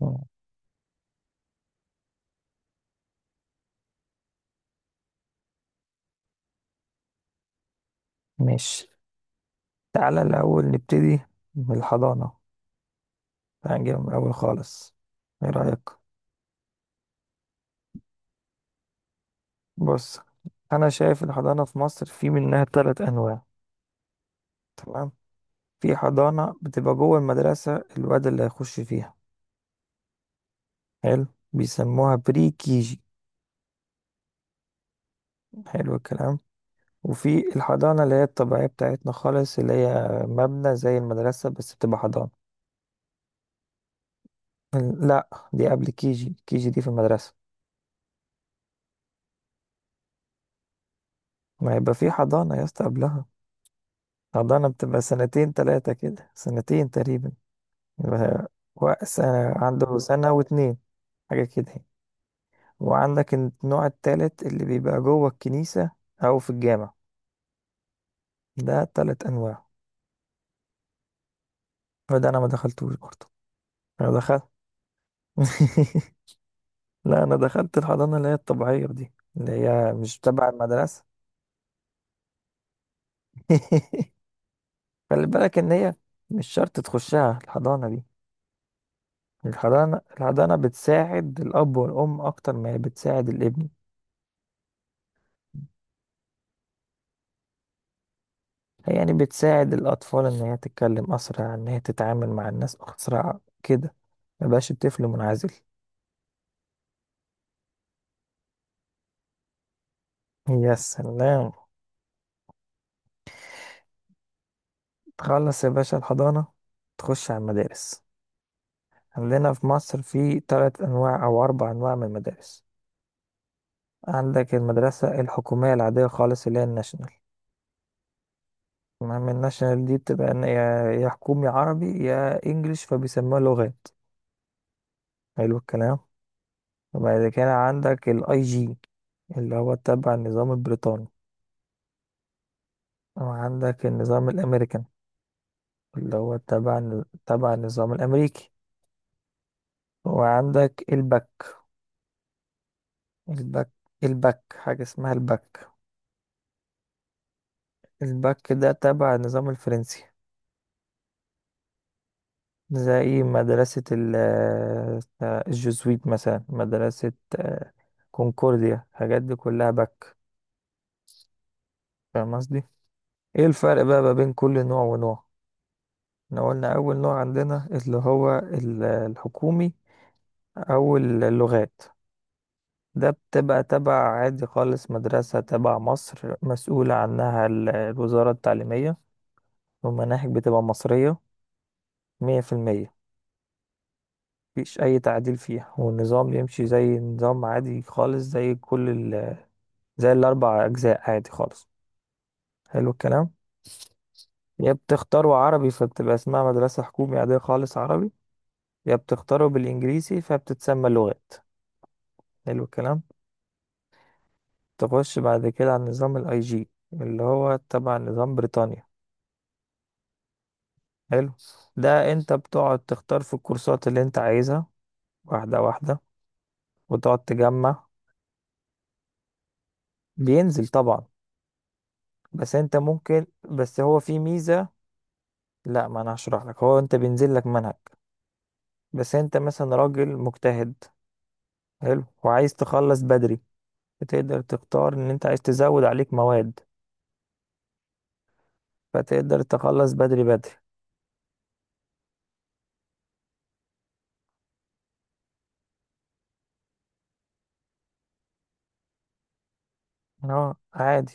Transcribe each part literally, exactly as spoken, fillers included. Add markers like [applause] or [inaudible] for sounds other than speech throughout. مم. ماشي. تعالى الأول نبتدي من الحضانة، هنجي من الأول خالص. إيه رأيك؟ بص، أنا شايف الحضانة في مصر في منها تلات أنواع. تمام. في حضانة بتبقى جوه المدرسة الواد اللي هيخش فيها، حلو، بيسموها بري كيجي. حلو الكلام. وفي الحضانة اللي هي الطبيعية بتاعتنا خالص، اللي هي مبنى زي المدرسة بس بتبقى حضانة. لا دي قبل كيجي، كيجي دي في المدرسة. ما يبقى في حضانة يا اسطى قبلها. حضانة بتبقى سنتين تلاتة كده، سنتين تقريبا. يبقى وق- سنة، عنده سنة واتنين، حاجة كده يعني. وعندك النوع التالت اللي بيبقى جوه الكنيسة أو في الجامع. ده تلات أنواع. وده أنا ما دخلتوش برضه. أنا دخلت [laughs] لا انا دخلت الحضانه اللي هي الطبيعيه دي اللي هي مش تبع المدرسه. [laughs] خلي بالك ان هي مش شرط تخشها الحضانه دي. الحضانه الحضانه بتساعد الاب والام اكتر ما هي بتساعد الابن. هي يعني بتساعد الاطفال ان هي تتكلم اسرع، ان هي تتعامل مع الناس اسرع كده، مبقاش الطفل منعزل. يا سلام. تخلص يا باشا الحضانه، تخش على المدارس. عندنا في مصر في تلات انواع او اربع انواع من المدارس. عندك المدرسة الحكومية العادية خالص اللي هي الناشونال. المهم الناشونال دي بتبقى إن يا يا حكومي عربي يا انجليش، فبيسموها لغات. حلو الكلام. وبعد كده عندك الاي جي، اللي هو تبع النظام البريطاني. وعندك النظام الامريكان، اللي هو تبع تبع النظام الامريكي. وعندك الباك، الباك الباك حاجة اسمها الباك. الباك ده تبع النظام الفرنسي. زي إيه؟ مدرسة ال- آه، الجزويت مثلا مدرسة، آه، كونكورديا، الحاجات دي كلها باك. فاهم قصدي. ايه الفرق بقى ما بين كل نوع ونوع. احنا قلنا اول نوع عندنا اللي هو ال- الحكومي او اللغات. ده بتبقى تبع عادي خالص، مدرسة تبع مصر، مسؤولة عنها ال- الوزارة التعليمية. والمناهج بتبقى مصرية مية في المية. مفيش أي تعديل فيها، والنظام يمشي زي نظام عادي خالص، زي كل، زي الأربع أجزاء عادي خالص. حلو الكلام. يا بتختاروا عربي فبتبقى اسمها مدرسة حكومي عادية خالص عربي، يا بتختاروا بالإنجليزي فبتتسمى لغات. حلو الكلام. تخش بعد كده على نظام الاي جي اللي هو تبع نظام بريطانيا. حلو. ده انت بتقعد تختار في الكورسات اللي انت عايزها، واحدة واحدة، وتقعد تجمع. بينزل طبعا. بس انت ممكن بس هو في ميزة. لا، ما انا هشرح لك. هو انت بينزل لك منهج، بس انت مثلا راجل مجتهد، حلو، وعايز تخلص بدري، فتقدر تختار ان انت عايز تزود عليك مواد، فتقدر تخلص بدري بدري. اه عادي.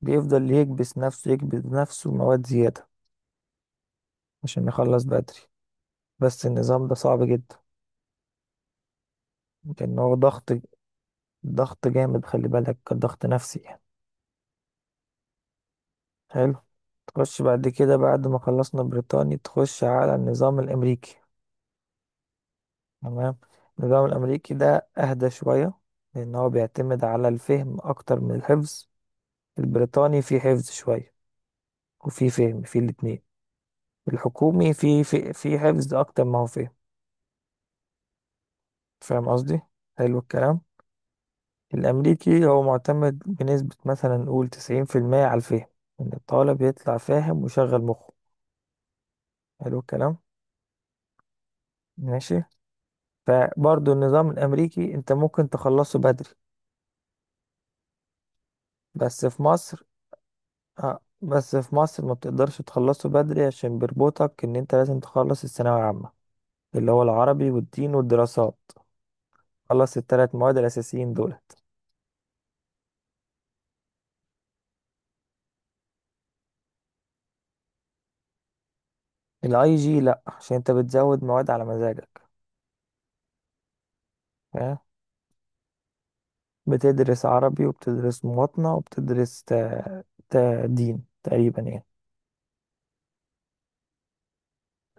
بيفضل يكبس نفسه يكبس نفسه مواد زيادة عشان يخلص بدري. بس النظام ده صعب جدا، لان هو ضغط، ضغط جامد. خلي بالك ضغط نفسي يعني. حلو. تخش بعد كده، بعد ما خلصنا بريطاني، تخش على النظام الامريكي. تمام. النظام الامريكي ده اهدى شوية، لان هو بيعتمد على الفهم اكتر من الحفظ. البريطاني فيه حفظ شوية وفيه فهم، فيه الاتنين. الحكومي فيه فيه, فيه حفظ أكتر ما هو فهم. فاهم قصدي؟ حلو الكلام. الأمريكي هو معتمد بنسبة مثلا نقول تسعين في المية على الفهم، إن الطالب يطلع فاهم وشغل مخه. حلو الكلام. ماشي. فبرضه النظام الأمريكي أنت ممكن تخلصه بدري، بس في مصر. آه بس في مصر ما بتقدرش تخلصه بدري عشان بيربطك إن أنت لازم تخلص الثانوية العامة، اللي هو العربي والدين والدراسات. خلص الثلاث مواد الأساسيين دولت. الاي جي لأ، عشان انت بتزود مواد على مزاجك. فاهم؟ بتدرس عربي وبتدرس مواطنة وبتدرس تا... تا دين تقريبا يعني.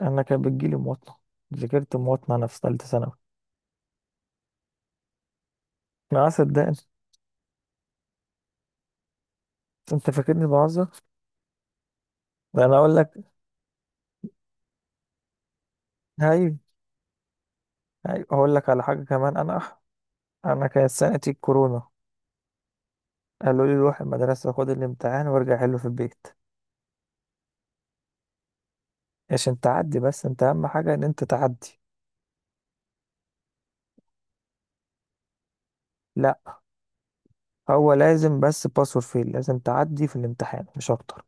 أنا كان بتجيلي مواطنة. ذاكرت مواطنة أنا في تالتة ثانوي. ما صدقني. أنت فاكرني بهزر؟ ده أنا أقول لك. هاي، هاي أقول لك على حاجة كمان. أنا أنا كانت سنتي الكورونا، قالوا لي روح المدرسة خد الامتحان وارجع حله في البيت، عشان تعدي بس. أنت أهم حاجة إن أنت تعدي. لا، هو لازم بس باس اور فيل، لازم تعدي في الامتحان مش اكتر.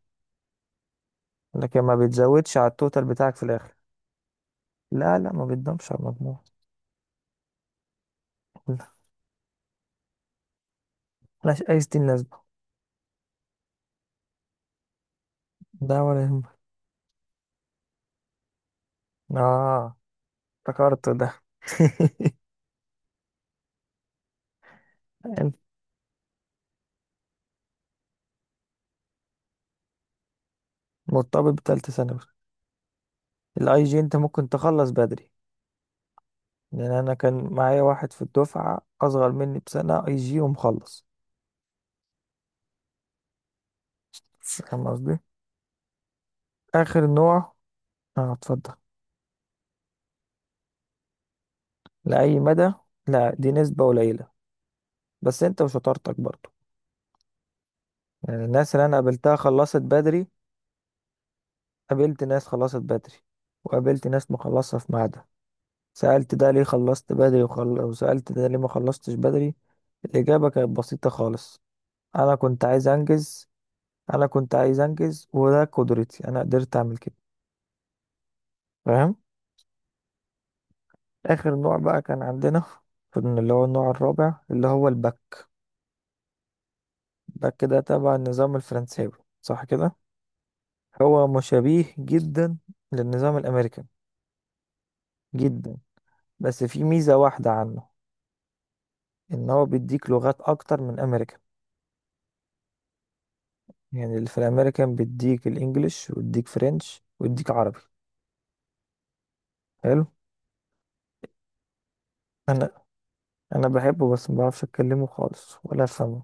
لكن ما بتزودش على التوتال بتاعك في الاخر. لا لا، ما بتضمش على المجموع. لا، ملهاش اي ستين لازمه. ده ولا يهمك. اه، افتكرت ده. [laughs] أنت مرتبط بتالتة ثانوي. الاي جي انت ممكن تخلص بدري، لان انا كان معايا واحد في الدفعه اصغر مني بسنه اي جي ومخلص. فاهم قصدي. اخر نوع. اه اتفضل. لاي مدى. لا دي نسبه قليله، بس انت وشطارتك برضه. يعني الناس اللي انا قابلتها خلصت بدري. قابلت ناس خلصت بدري، وقابلت ناس مخلصة في ميعادها. سألت ده ليه خلصت بدري وخل... وسألت ده ليه ما خلصتش بدري. الإجابة كانت بسيطة خالص: أنا كنت عايز أنجز. أنا كنت عايز أنجز وده قدرتي، أنا قدرت أعمل كده. فاهم. آخر نوع بقى كان عندنا، كان اللي هو النوع الرابع اللي هو الباك. الباك ده تبع النظام الفرنساوي، صح كده. هو مشابه جدا للنظام الأمريكي جدا، بس في ميزة واحدة عنه، ان هو بيديك لغات اكتر من امريكان. يعني اللي في الامريكان بيديك الانجليش ويديك فرنش ويديك عربي. حلو. انا انا بحبه بس ما بعرفش اتكلمه خالص ولا افهمه.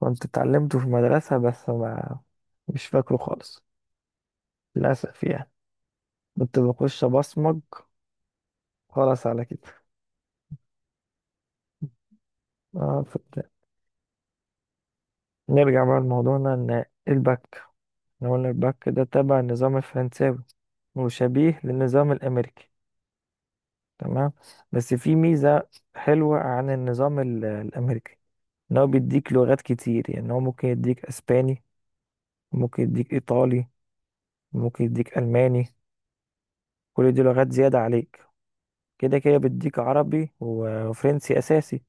كنت اتعلمته في المدرسة بس ما مش فاكره خالص، للاسف يعني. كنت بخش ابصمج. خلاص على كده. اه فت... نرجع بقى لموضوعنا ان البك. إحنا قلنا البك ده تبع النظام الفرنساوي وشبيه للنظام الامريكي. تمام. بس في ميزة حلوة عن النظام ال- الامريكي، ان هو بيديك لغات كتير. يعني هو ممكن يديك اسباني، ممكن يديك ايطالي، ممكن يديك الماني. كل دي لغات زيادة عليك. كده كده بيديك عربي و- وفرنسي اساسي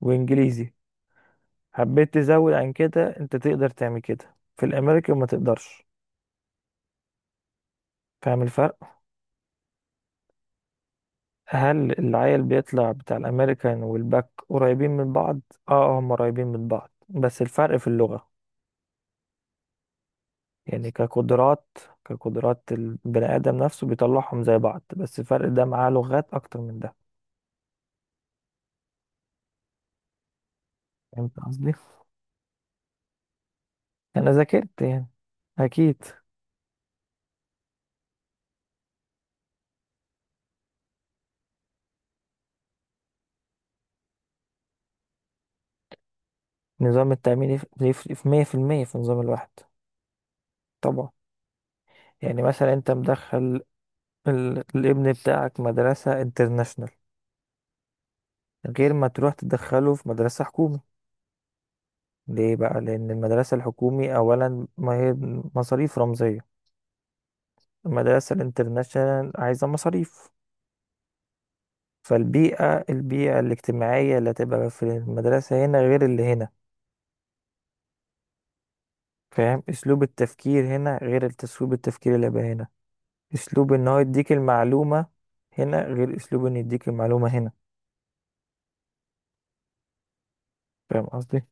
وانجليزي. حبيت تزود عن كده انت تقدر تعمل كده، في الامريكان ما تقدرش. فاهم الفرق. هل العيل بيطلع بتاع الامريكان والباك قريبين من بعض؟ اه هم قريبين من بعض بس الفرق في اللغة. يعني كقدرات، كقدرات البني آدم نفسه بيطلعهم زي بعض، بس الفرق ده معاه لغات أكتر من ده. فهمت قصدي؟ أنا ذاكرت يعني. أكيد. نظام التأمين يف- يفرق في مية في المية في نظام الواحد، طبعا. يعني مثلا أنت مدخل ال- الابن بتاعك مدرسة انترناشونال، غير ما تروح تدخله في مدرسة حكومي. ليه بقى؟ لأن المدرسة الحكومي أولا ما هي مصاريف رمزية، المدرسة الانترناشونال عايزة مصاريف. فالبيئة، البيئة الاجتماعية اللي هتبقى في المدرسة هنا غير اللي هنا. فاهم أسلوب التفكير هنا غير أسلوب التفكير اللي بقى هنا. أسلوب إن هو يديك المعلومة هنا غير أسلوب إن يديك المعلومة هنا. فاهم قصدي؟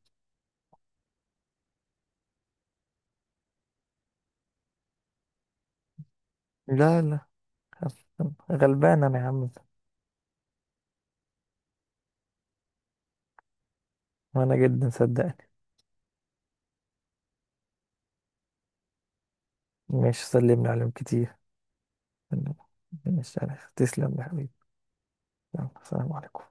لا لا، غلبان أنا يا عم. وأنا جدا صدقني. مش سلمني عليهم كتير. مش عارف تسلم يا حبيبي. يلا، السلام عليكم.